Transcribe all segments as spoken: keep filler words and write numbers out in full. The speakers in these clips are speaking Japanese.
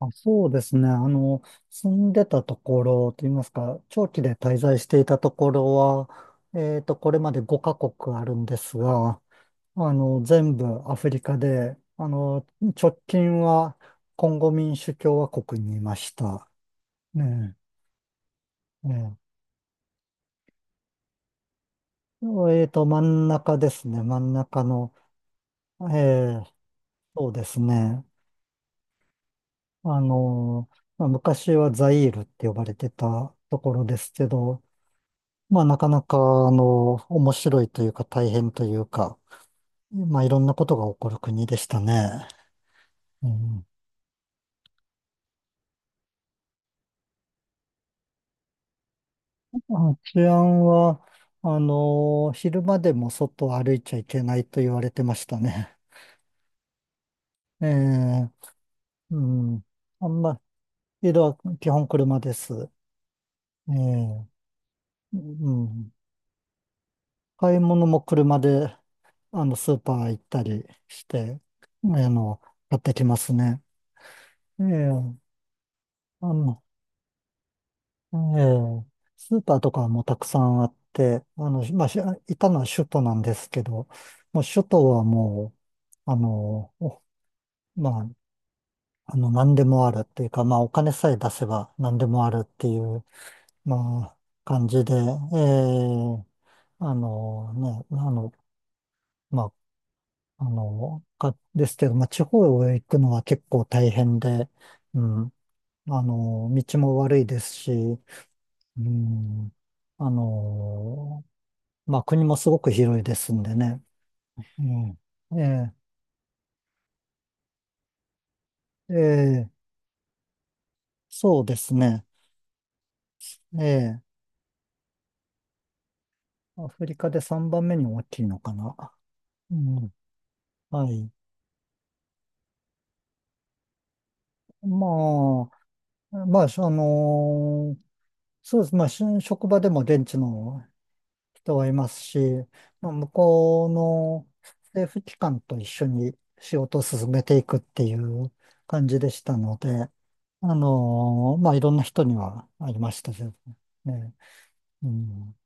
あ、そうですね。あの、住んでたところといいますか、長期で滞在していたところは、えっと、これまでごカ国あるんですが、あの、全部アフリカで、あの、直近はコンゴ民主共和国にいました。ねえ、ねええっと、真ん中ですね。真ん中の、ええ、そうですね。あの、まあ、昔はザイールって呼ばれてたところですけど、まあ、なかなか、あの、面白いというか大変というか、まあ、いろんなことが起こる国でしたね。うん。あ、治安は、あの、昼間でも外を歩いちゃいけないと言われてましたね。ええ、うん。あんま、色は基本車です。ええ、うん。買い物も車で、あの、スーパー行ったりして、あの、買ってきますね。ええ、あの、ええ、スーパーとかもたくさんあって、あの、まあ、しいたのは首都なんですけど、もう首都はもう、あの、おまあ、あの、何でもあるっていうか、まあ、お金さえ出せば何でもあるっていう、まあ、感じで、ええ、あのね、あの、まあ、あの、か、ですけど、まあ、地方へ行くのは結構大変で、うん、あの、道も悪いですし、うん、あのまあ国もすごく広いですんでね。うん。ええ、ええ、そうですね。ええ、アフリカでさんばんめに大きいのかな。うん、はい。まあ、まあ、しあのーそうです。まあ、し職場でも現地の人はいますし、まあ、向こうの政府機関と一緒に仕事を進めていくっていう感じでしたので、あのーまあ、いろんな人にはありましたけどね。うん。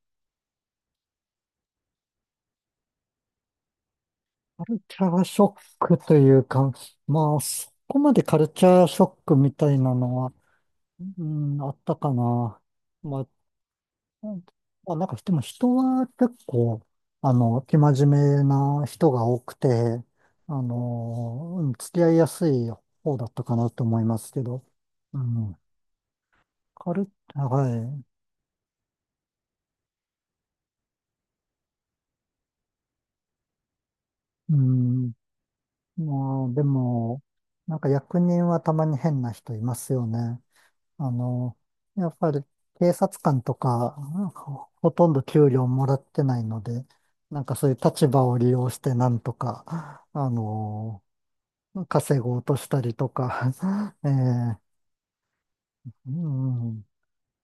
カルチャーショックというか、まあ、そこまでカルチャーショックみたいなのは、うん、あったかな。まあ、うん。まあ、なんか、でも人は結構、あの、生真面目な人が多くて、あの、うん、付き合いやすい方だったかなと思いますけど、うん、カル、はい、うん、まあ、でも、なんか役人はたまに変な人いますよね。あの、やっぱり警察官とか、ほほとんど給料もらってないので、なんかそういう立場を利用してなんとか、あの、稼ごうとしたりとか、えーうん。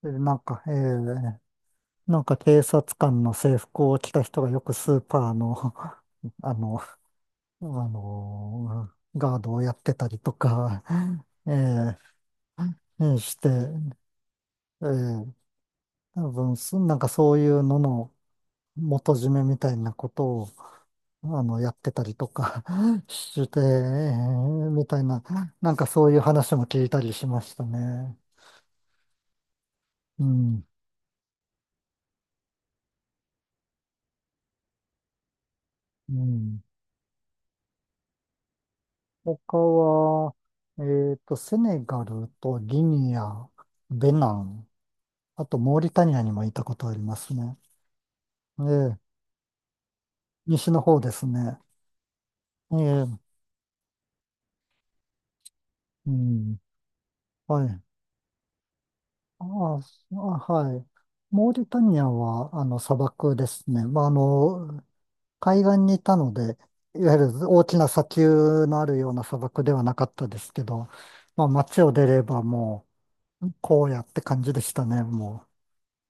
で、なんか、えーなんか警察官の制服を着た人がよくスーパーの、あの、あの、ガードをやってたりとか、えーして、えー多分、そなんかそういうのの、元締めみたいなことを、あの、やってたりとか して、えーみたいな、なんかそういう話も聞いたりしましたね。うん。うん。他は、えっと、セネガルとギニア、ベナン、あとモーリタニアにも行ったことありますね。ええ、西の方ですね。ええ、うん。はい。ああ、そあはい。モーリタニアは、あの、砂漠ですね。まあ、あの、海岸にいたので、いわゆる大きな砂丘のあるような砂漠ではなかったですけど、まあ街を出ればもう、こうやって感じでしたね、も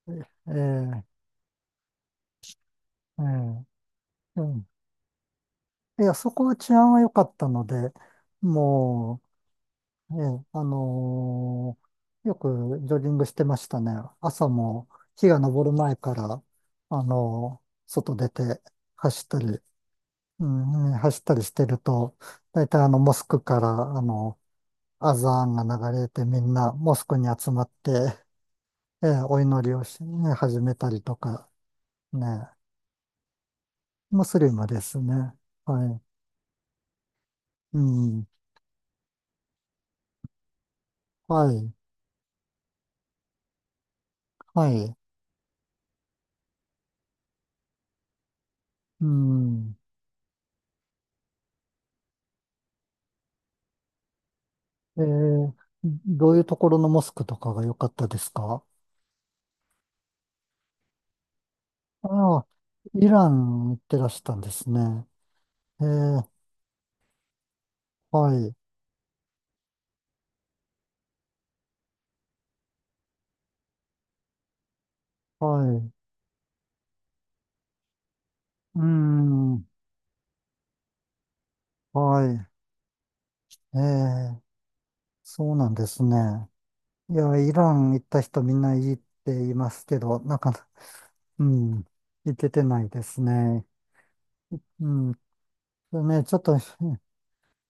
う。ええ、ええ、うん、いや、そこは治安は良かったので、もう、ええ、あのーよくジョギングしてましたね。朝も日が昇る前から、あのー外出て走ったり、うん、ね、走ったりしてると、大体あの、モスクから、あのアザーンが流れてみんなモスクに集まって、えーお祈りをし、ね、始めたりとか、ね、ムスリムですね。はい。うん。はい。はい。うん。えーどういうところのモスクとかが良かったですか？ああ、イラン行ってらしたんですね。えーはい。はい。うーん。はい。ええ。そうなんですね。いや、イラン行った人みんないいって言いますけど、なかなうん。いけてないですね。うん。でね、ちょっと、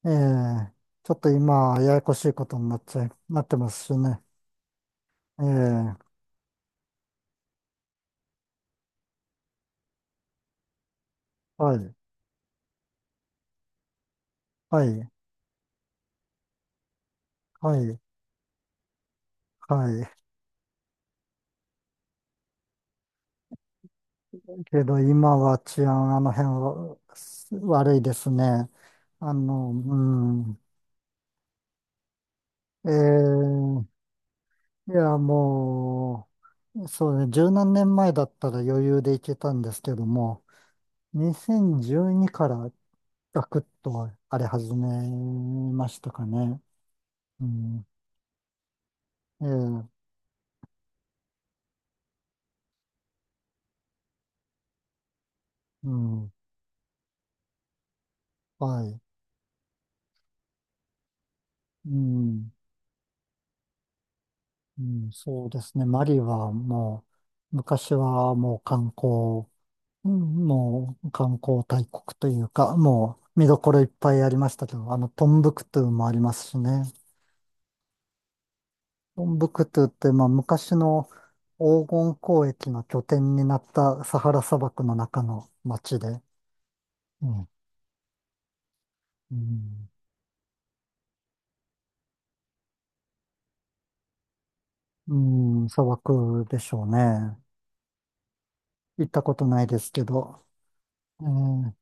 ええちょっと今、ややこしいことになっちゃい、なってますしね。ええ、はい、はい、はい、はい。けど今は治安、あの辺はす悪いですね。あの、うん。ええ、いや、もう、そうね、十何年前だったら余裕でいけたんですけども、にせんじゅうにからガクッと荒れ始めましたかね。うん。ええ、うん。はい。うん。うん、そうですね。マリはもう、昔はもう観光、うん、もう観光大国というか、もう見どころいっぱいありましたけど、あの、トンブクトゥもありますしね。トンブクトゥって、まあ、昔の黄金交易の拠点になったサハラ砂漠の中の町で、うん。うん。うん、砂漠でしょうね。行ったことないですけど。えー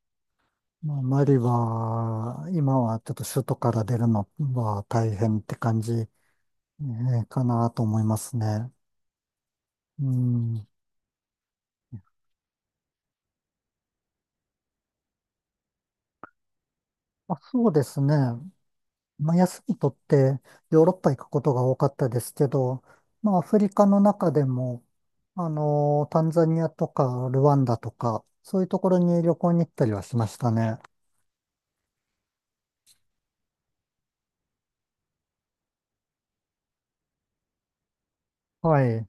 まあ、マリは、今はちょっと首都から出るのは大変って感じ、えーかなと思いますね。うん。あ、そうですね。まあ、休み取ってヨーロッパ行くことが多かったですけど、まあ、アフリカの中でも、あの、タンザニアとかルワンダとか、そういうところに旅行に行ったりはしましたね。はい。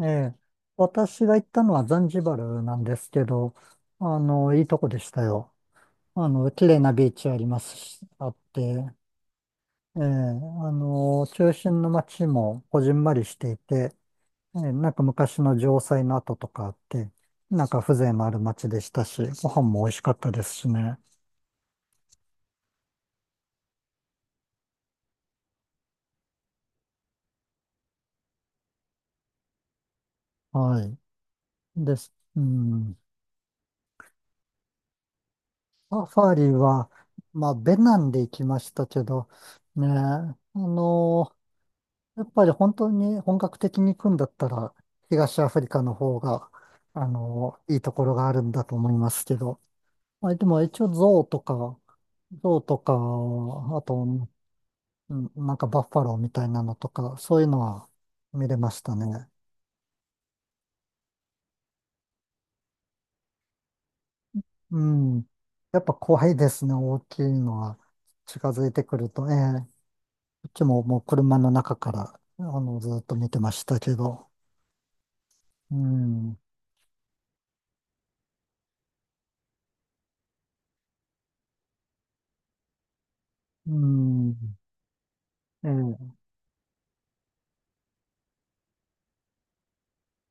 ええ、私が行ったのはザンジバルなんですけど、あの、いいとこでしたよ。あの、綺麗なビーチありますし、あって、ええ、あの、中心の街もこじんまりしていて、ええ、なんか昔の城塞の跡とかあって、なんか風情のある街でしたし、ご飯も美味しかったですしね。はい。です。うん。サファリは、まあ、ベナンで行きましたけど、ね、あのやっぱり本当に本格的に行くんだったら、東アフリカの方が、あの、いいところがあるんだと思いますけど。まあ、でも一応ゾウとか、ゾウとか、あと、うん、なんかバッファローみたいなのとか、そういうのは見れましたね。うん。やっぱ怖いですね、大きいのは。近づいてくると、ええ、こっちももう車の中から、あの、ずっと見てましたけど。うん。うん。ええ